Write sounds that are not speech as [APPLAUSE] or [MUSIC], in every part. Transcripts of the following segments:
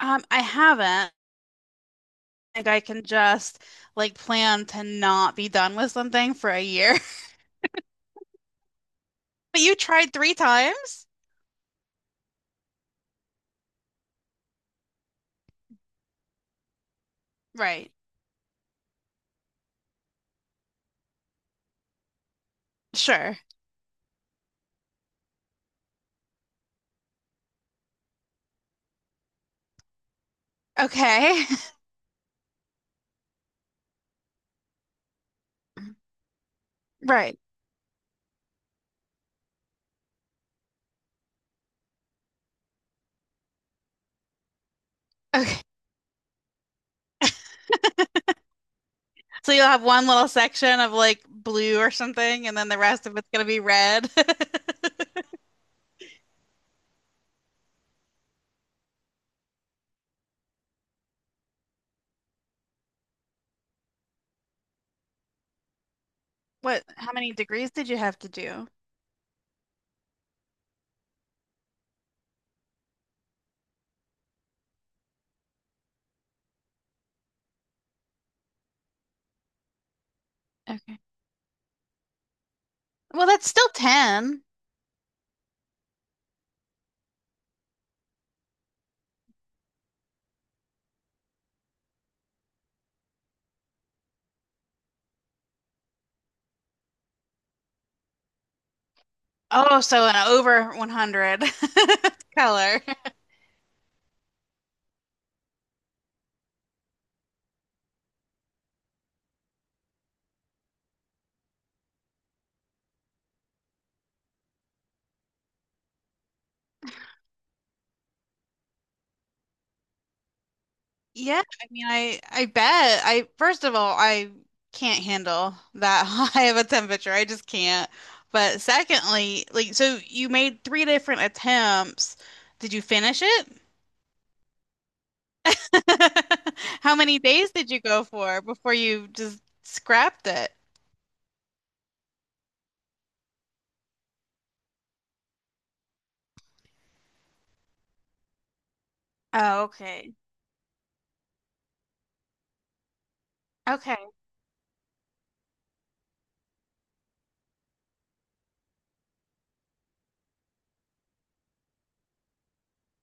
I haven't. Like I can just like plan to not be done with something for a year. [LAUGHS] But you tried three times? Right. Sure. Okay. [LAUGHS] Right. Okay. So you'll have one little section of like blue or something, and then the rest of it's gonna be red. [LAUGHS] How many degrees did you have to do? Okay. Well, that's still 10. Oh, so an over 100 [LAUGHS] color. Yeah, I mean, I bet. I First of all, I can't handle that [LAUGHS] high of a temperature. I just can't. But secondly, like so you made three different attempts. Did you finish it? [LAUGHS] How many days did you go for before you just scrapped it? Oh, okay. Okay.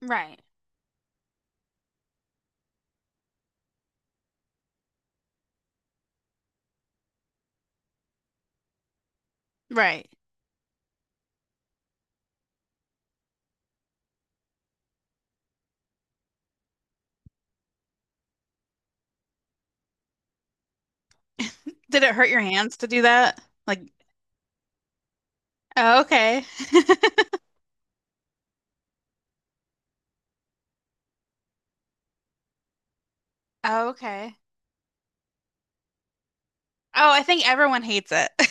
Right. Right. Did it hurt your hands to do that? Like, oh, okay. [LAUGHS] Oh, okay. Oh, I think everyone hates it. [LAUGHS]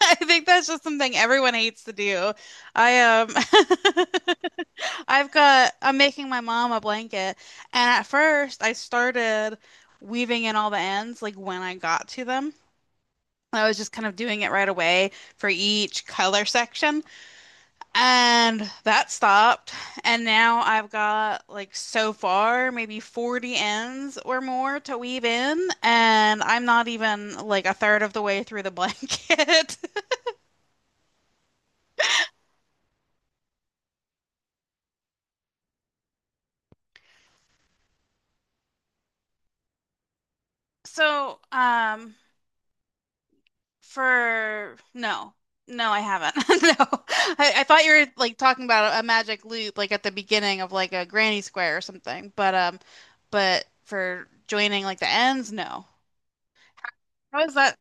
I think that's just something everyone hates to do. I [LAUGHS] I'm making my mom a blanket, and at first I started weaving in all the ends like when I got to them. I was just kind of doing it right away for each color section. And that stopped. And now I've got like so far maybe 40 ends or more to weave in. And I'm not even like a third of the way through the blanket. [LAUGHS] So, for no, no, I haven't. [LAUGHS] No, I thought you were like talking about a magic loop like at the beginning of like a granny square or something. But for joining like the ends, no. How is that?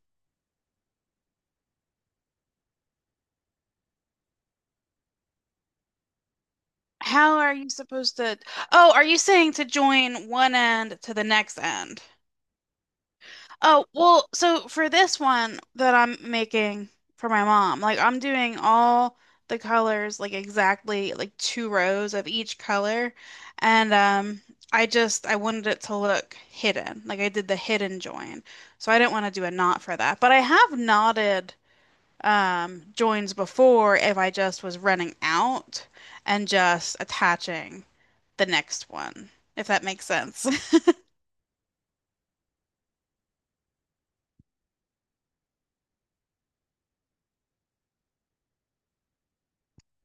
How are you supposed to? Oh, are you saying to join one end to the next end? Oh, well, so for this one that I'm making for my mom, like I'm doing all the colors like exactly like two rows of each color, and I wanted it to look hidden. Like I did the hidden join. So I didn't want to do a knot for that. But I have knotted joins before if I just was running out and just attaching the next one, if that makes sense. [LAUGHS]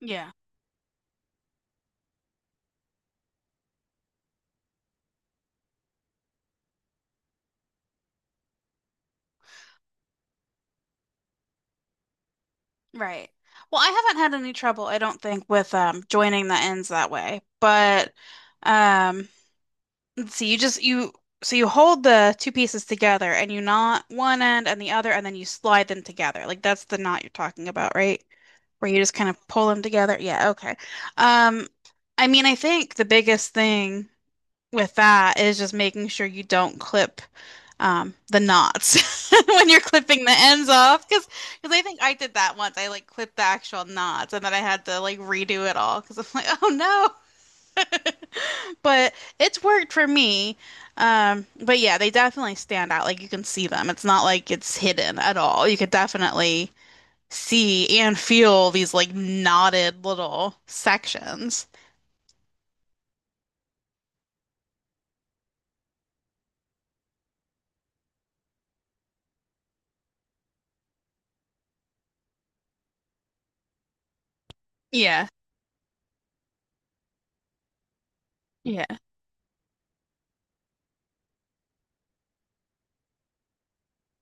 Yeah, right. Well, I haven't had any trouble, I don't think, with joining the ends that way. But um let's see, you so you hold the two pieces together and you knot one end and the other and then you slide them together. Like that's the knot you're talking about, right? Where you just kind of pull them together. Yeah, okay. Um I mean, I think the biggest thing with that is just making sure you don't clip the knots [LAUGHS] when you're clipping the ends off, because I think I did that once. I like clipped the actual knots and then I had to like redo it all because I'm like, oh no. [LAUGHS] But it's worked for me. But yeah, they definitely stand out. Like you can see them. It's not like it's hidden at all. You could definitely see and feel these like knotted little sections. Yeah. Yeah.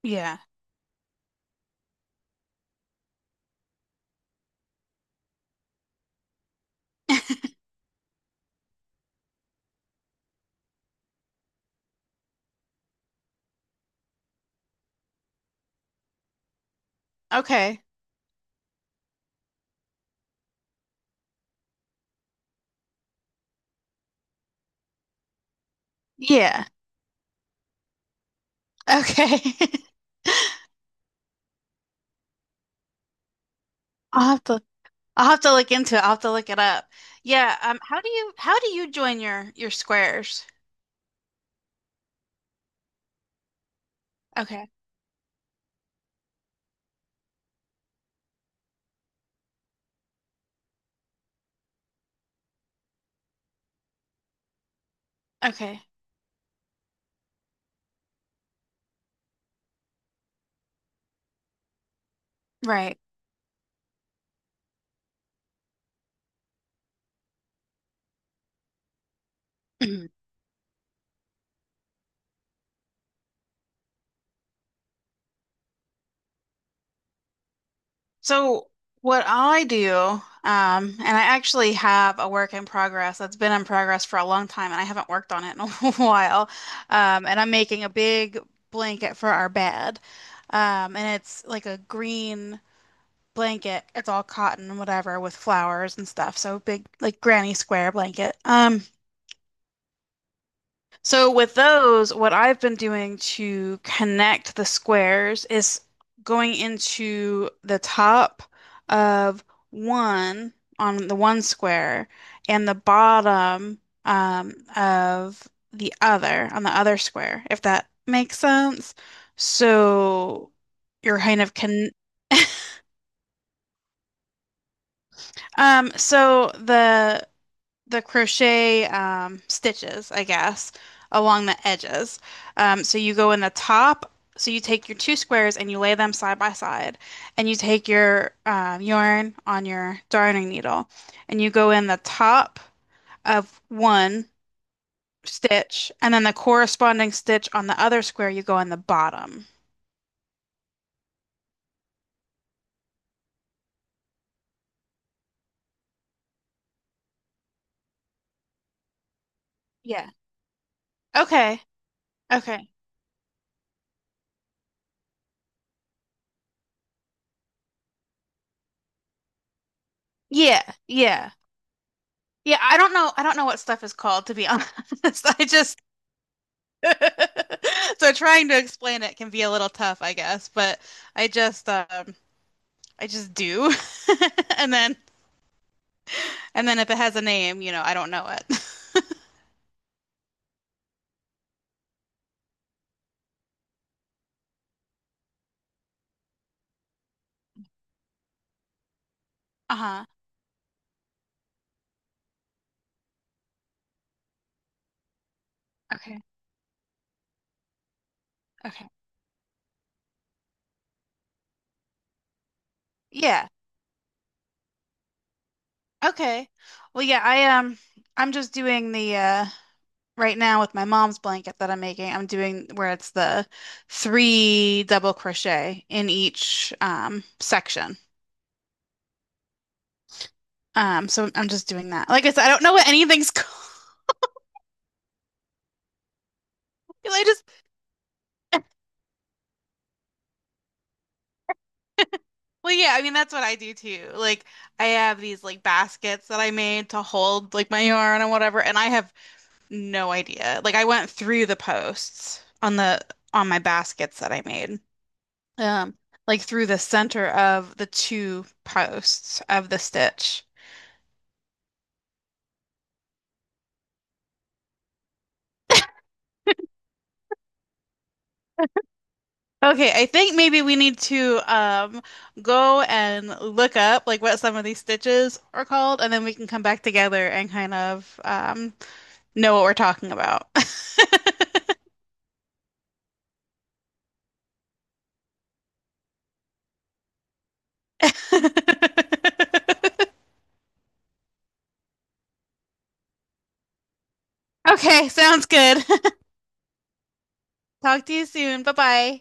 Yeah. [LAUGHS] Okay. Yeah. Okay. [LAUGHS] I'll have to I'll have to look into it. I'll have to look it up. Yeah, how do you join your squares? Okay. Okay. Right. [CLEARS THROAT] So what I do, and I actually have a work in progress that's been in progress for a long time, and I haven't worked on it in [LAUGHS] a while. And I'm making a big blanket for our bed. And it's like a green blanket. It's all cotton and whatever, with flowers and stuff. So big like granny square blanket. So with those, what I've been doing to connect the squares is going into the top of one on the one square and the bottom of the other on the other square, if that makes sense. So you're kind of con [LAUGHS] so the crochet stitches, I guess, along the edges. So you go in the top. So you take your two squares and you lay them side by side, and you take your yarn on your darning needle, and you go in the top of one stitch, and then the corresponding stitch on the other square, you go in the bottom. Yeah. Okay. Okay. Yeah. Yeah. Yeah. I don't know. I don't know what stuff is called, to be honest. [LAUGHS] I just [LAUGHS] So trying to explain it can be a little tough, I guess, but I just um I just do. [LAUGHS] And then and then if it has a name, I don't know it. [LAUGHS] Uh-huh. Okay. Okay. Yeah. Okay. Well, yeah, I'm just doing the right now with my mom's blanket that I'm making. I'm doing where it's the three double crochet in each section. So I'm just doing that. Like I said, I don't know what anything's [LAUGHS] called. I just Well, yeah, I mean that's what I do too. Like I have these like baskets that I made to hold like my yarn and whatever, and I have no idea. Like I went through the posts on the on my baskets that I made. Um, like through the center of the two posts of the stitch. Okay, I think maybe we need to go and look up like what some of these stitches are called, and then we can come back together and kind of know what we're talking about. [LAUGHS] [LAUGHS] Okay, sounds good. [LAUGHS] Talk to you soon. Bye bye.